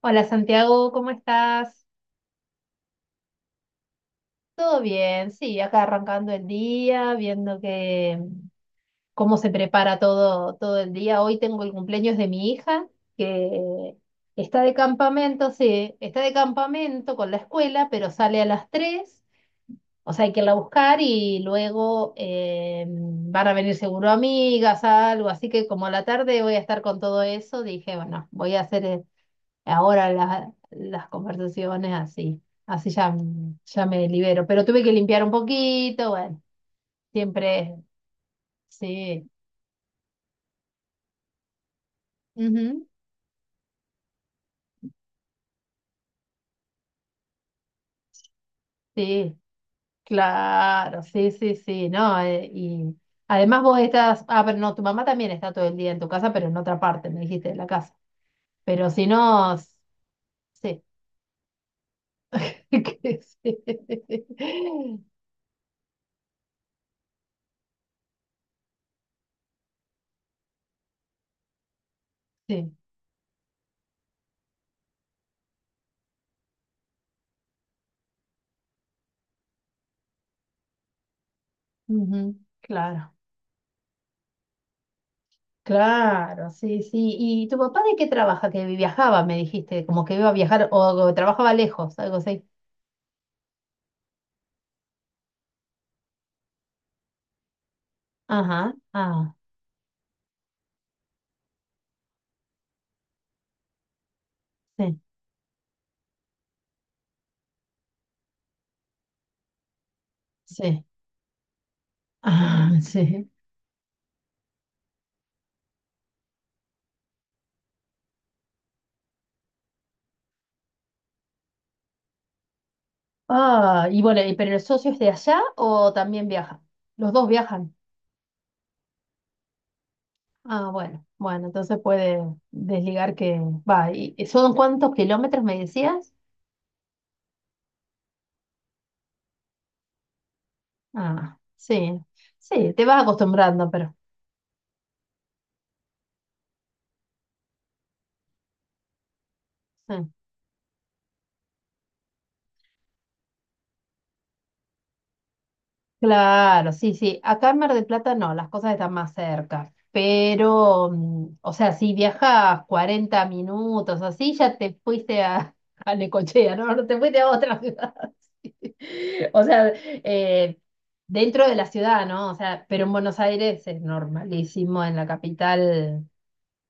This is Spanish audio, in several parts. Hola Santiago, ¿cómo estás? Todo bien, sí, acá arrancando el día, viendo que cómo se prepara todo, todo el día. Hoy tengo el cumpleaños de mi hija, que está de campamento, sí, está de campamento con la escuela, pero sale a las 3, o sea, hay que irla a buscar y luego van a venir seguro amigas, algo, así que como a la tarde voy a estar con todo eso, dije, bueno, voy a hacer ahora las conversaciones así, así ya, ya me libero, pero tuve que limpiar un poquito, bueno, siempre, sí, ujú, sí, claro, sí, sí, sí, no, y además vos estás, ah, pero no, tu mamá también está todo el día en tu casa, pero en otra parte, me dijiste, de la casa, pero si no, sí, que sí, sí, ujú, claro. Claro, sí, sí. ¿Y tu papá de qué trabaja? Que viajaba, me dijiste, como que iba a viajar o trabajaba lejos, algo así. Ajá, ah, sí, sí, ah, sí. Ah, y bueno, ¿y ¿pero el socio es de allá o también viaja? Los dos viajan. Ah, bueno, bueno, entonces puede desligar que va. Y son cuántos kilómetros me decías? Ah, sí, sí, te vas acostumbrando, pero sí. Claro, sí, sí. Acá en Mar del Plata no, las cosas están más cerca. Pero, o sea, si viajas 40 minutos así, ya te fuiste a, a Necochea, ¿no? No te fuiste a otra ciudad. O sea, eh, dentro de la ciudad, ¿no? O sea, pero en Buenos Aires es normalísimo, en la capital,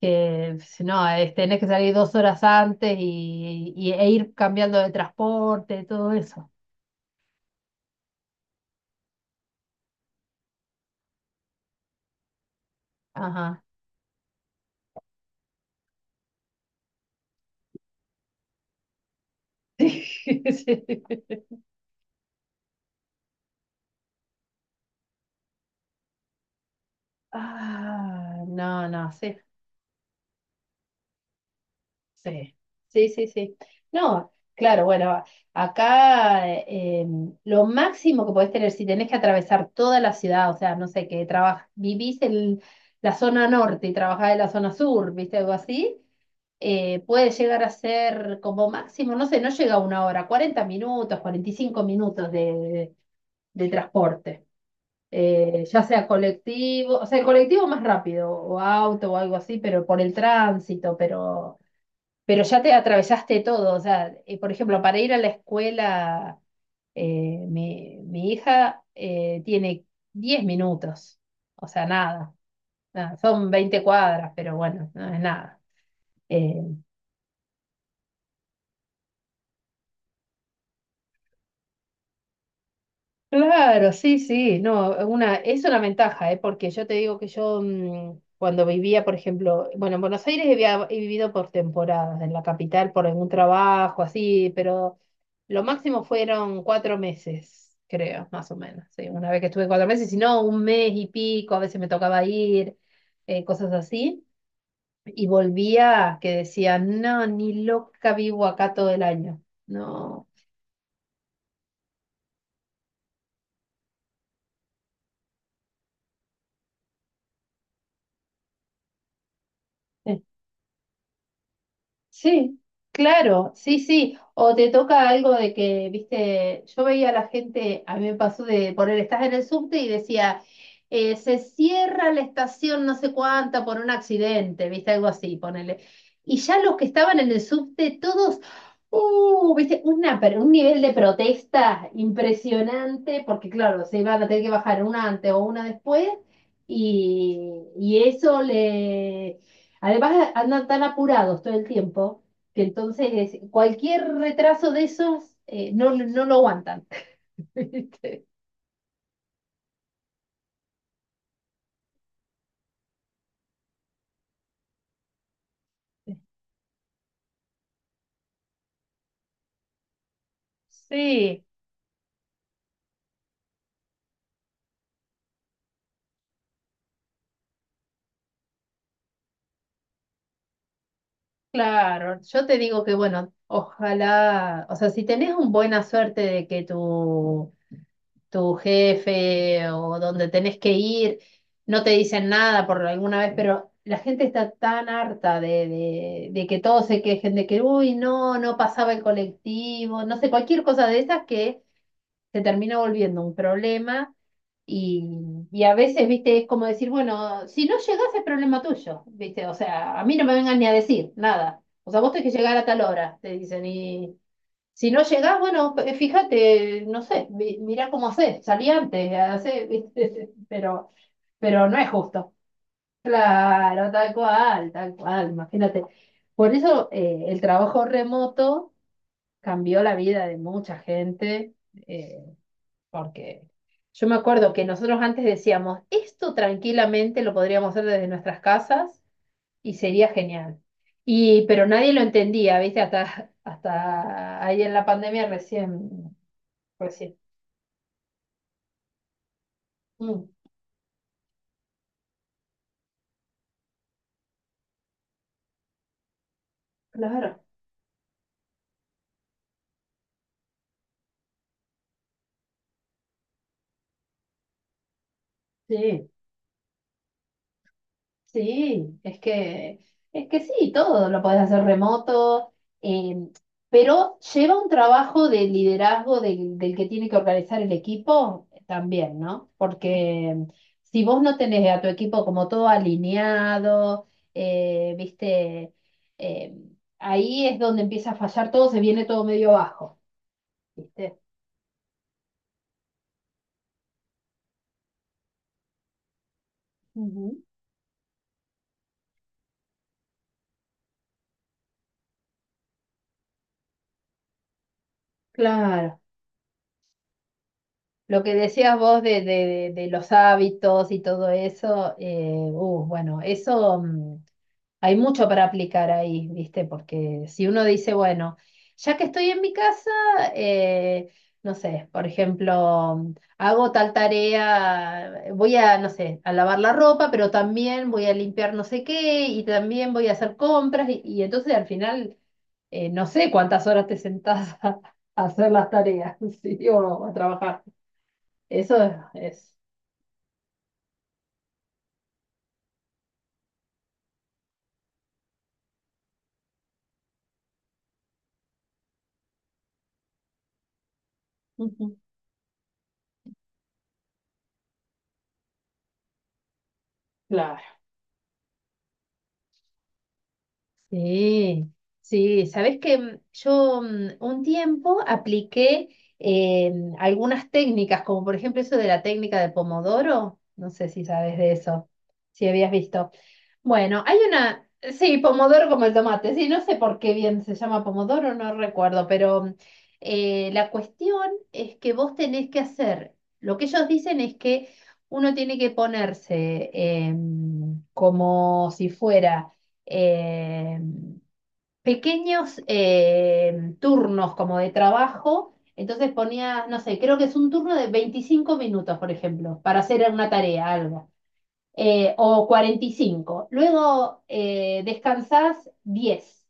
que si no, tenés que salir dos horas antes y, e ir cambiando de transporte, todo eso. Ajá. Sí. Ah, no, no, sí, sí, sí, sí, sí. No, claro, bueno, acá lo máximo que podés tener, si tenés que atravesar toda la ciudad, o sea, no sé, que trabajas, vivís en la zona norte y trabajás en la zona sur, ¿viste? Algo así, puede llegar a ser como máximo, no sé, no llega a una hora, 40 minutos, 45 minutos de transporte. Ya sea colectivo, o sea, el colectivo más rápido, o auto o algo así, pero por el tránsito, pero ya te atravesaste todo. O sea, por ejemplo, para ir a la escuela, mi hija tiene 10 minutos, o sea, nada, nada, son 20 cuadras, pero bueno, no es nada. Eh, Claro, sí, sí, no, una, es una ventaja, ¿eh? Porque yo te digo que yo cuando vivía, por ejemplo, bueno, en Buenos Aires he vivido por temporadas, en la capital por algún trabajo, así, pero lo máximo fueron 4 meses, creo, más o menos, sí, una vez que estuve 4 meses, si no, un mes y pico, a veces me tocaba ir, cosas así, y volvía que decía, no, ni loca vivo acá todo el año, no. Sí, claro, sí, sí. O te toca algo de que, viste, yo veía a la gente, a mí me pasó de poner, estás en el subte y decía, se cierra la estación no sé cuánta por un accidente, viste, algo así, ponele. Y ya los que estaban en el subte, todos, viste, una, un nivel de protesta impresionante, porque claro, se iban a tener que bajar una antes o una después, y eso le Además, andan tan apurados todo el tiempo que entonces cualquier retraso de esos no, no lo aguantan. ¿Viste? Sí, claro. Yo te digo que, bueno, ojalá, o sea, si tenés una buena suerte de que tu jefe o donde tenés que ir no te dicen nada por alguna vez, pero la gente está tan harta de que todos se quejen, de que, uy, no, no pasaba el colectivo, no sé, cualquier cosa de esas que se termina volviendo un problema y, y a veces, viste, es como decir, bueno, si no llegás es problema tuyo, viste, o sea, a mí no me vengan ni a decir nada, o sea, vos tenés que llegar a tal hora, te dicen, y si no llegás, bueno, fíjate, no sé, mirá cómo hacés, salí antes, hacé, viste, pero no es justo. Claro, tal cual, imagínate. Por eso el trabajo remoto cambió la vida de mucha gente. eh, Porque yo me acuerdo que nosotros antes decíamos, esto tranquilamente lo podríamos hacer desde nuestras casas y sería genial. Y, pero nadie lo entendía, ¿viste? Hasta, hasta ahí en la pandemia recién, recién. Mm, claro, sí. Sí, es que sí, todo lo podés hacer remoto, eh, pero lleva un trabajo de liderazgo del que tiene que organizar el equipo también, ¿no? Porque si vos no tenés a tu equipo como todo alineado, viste, eh, ahí es donde empieza a fallar todo, se viene todo medio bajo, ¿viste? Ujú. Claro. Lo que decías vos de los hábitos y todo eso, bueno, eso hay mucho para aplicar ahí, ¿viste? Porque si uno dice, bueno, ya que estoy en mi casa, eh, no sé, por ejemplo, hago tal tarea, voy a, no sé, a lavar la ropa, pero también voy a limpiar no sé qué y también voy a hacer compras y entonces al final, no sé cuántas horas te sentás a hacer las tareas, ¿sí? O a trabajar. Eso es, es- Ujú. Claro. Sí, sí, sabes que un tiempo apliqué eh, algunas técnicas, como por ejemplo eso de la técnica de Pomodoro, no sé si sabes de eso, si habías visto. Bueno, hay una, sí, pomodoro como el tomate, sí, no sé por qué bien se llama pomodoro, no recuerdo, pero la cuestión es que vos tenés que hacer, lo que ellos dicen es que uno tiene que ponerse como si fuera em, pequeños turnos como de trabajo, entonces ponías, no sé, creo que es un turno de 25 minutos, por ejemplo, para hacer una tarea, algo o 45. Luego descansás 10,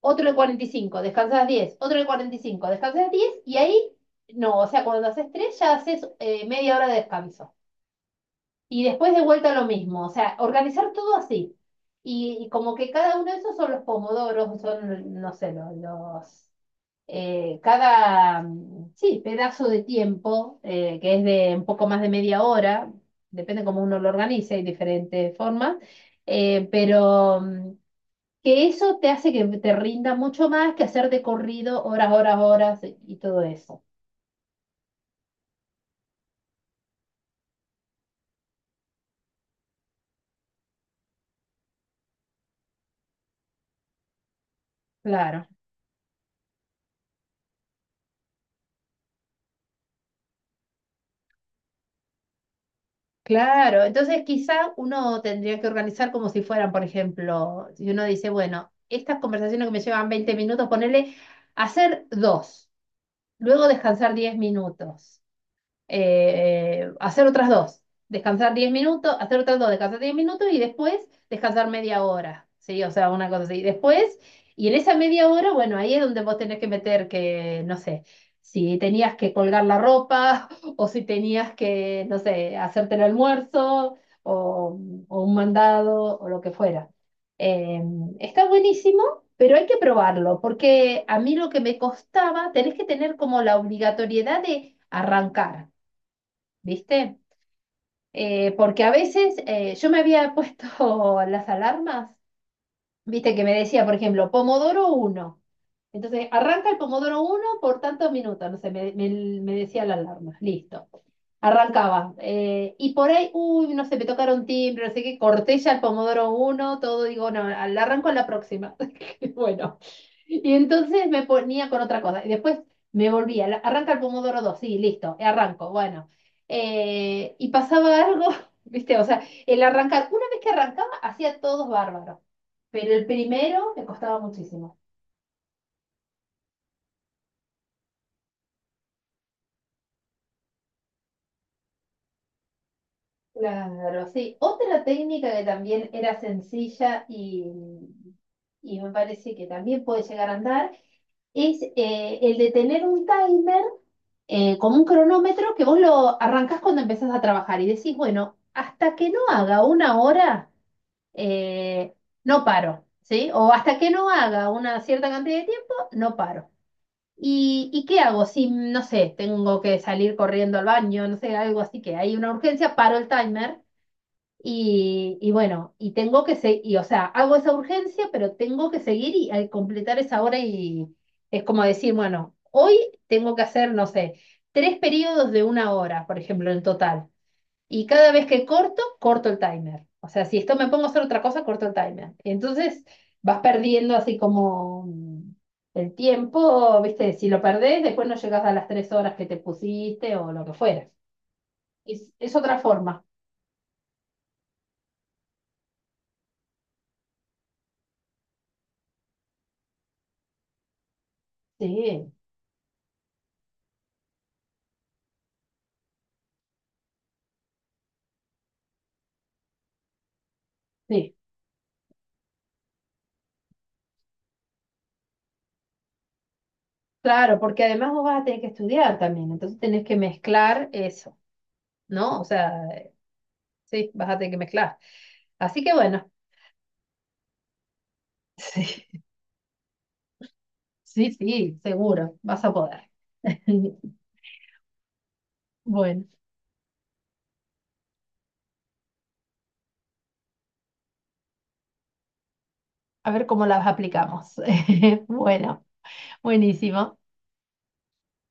otro de 45, descansás 10, otro de 45, descansás 10 y ahí no, o sea, cuando haces 3 ya haces media hora de descanso. Y después de vuelta lo mismo, o sea, organizar todo así. Y como que cada uno de esos son los pomodoros, son, no sé, sí, pedazo de tiempo, que es de un poco más de media hora, depende cómo uno lo organice, hay diferentes formas, pero que eso te hace que te rinda mucho más que hacer de corrido horas, horas, horas y todo eso. Claro, claro. Entonces quizá uno tendría que organizar como si fueran, por ejemplo, si uno dice, bueno, estas conversaciones que me llevan 20 minutos, ponerle hacer dos, luego descansar 10 minutos. Hacer otras dos, descansar 10 minutos, hacer otras dos, descansar 10 minutos y después descansar media hora, ¿sí? O sea, una cosa así. Después, y en esa media hora, bueno, ahí es donde vos tenés que meter que, no sé, si tenías que colgar la ropa o si tenías que, no sé, hacerte el almuerzo o, o un mandado o lo que fuera. Eh, Está buenísimo. Pero hay que probarlo, porque a mí lo que me costaba, tenés que tener como la obligatoriedad de arrancar. ¿Viste? Porque a veces yo me había puesto las alarmas, ¿viste? Que me decía, por ejemplo, Pomodoro uno. Entonces, arranca el Pomodoro uno por tantos minutos, no sé, me decía la alarma, listo. Arrancaba. Y por ahí, uy, no sé, me tocaron timbre, no sé qué, corté ya el pomodoro uno, todo, digo, no, al arranco en la próxima. Y bueno. Y entonces me ponía con otra cosa. Y después me volvía, arranca el pomodoro dos, sí, listo, arranco, bueno. Y pasaba algo, ¿viste? O sea, el arrancar, una vez que arrancaba, hacía todos bárbaros. Pero el primero me costaba muchísimo. Claro, sí. Otra técnica que también era sencilla y me parece que también puede llegar a andar es el de tener un timer como un cronómetro que vos lo arrancás cuando empezás a trabajar y decís, bueno, hasta que no haga una hora, eh, no paro, ¿sí? O hasta que no haga una cierta cantidad de tiempo, no paro. Y qué hago? Si, no sé, tengo que salir corriendo al baño, no sé, algo así que hay una urgencia, paro el timer y bueno, y tengo que seguir, o sea, hago esa urgencia, pero tengo que seguir y al completar esa hora y es como decir, bueno, hoy tengo que hacer, no sé, tres periodos de una hora, por ejemplo, en total. Y cada vez que corto, corto el timer. O sea, si esto me pongo a hacer otra cosa, corto el timer. Entonces vas perdiendo así como el tiempo, ¿viste? Si lo perdés, después no llegas a las 3 horas que te pusiste o lo que fuera. Es otra forma. Sí, sí. Claro, porque además vos vas a tener que estudiar también, entonces tenés que mezclar eso, ¿no? O sea, sí, vas a tener que mezclar. Así que bueno, sí, sí, sí, seguro, vas a poder. Bueno, a ver cómo las aplicamos. Bueno, buenísimo.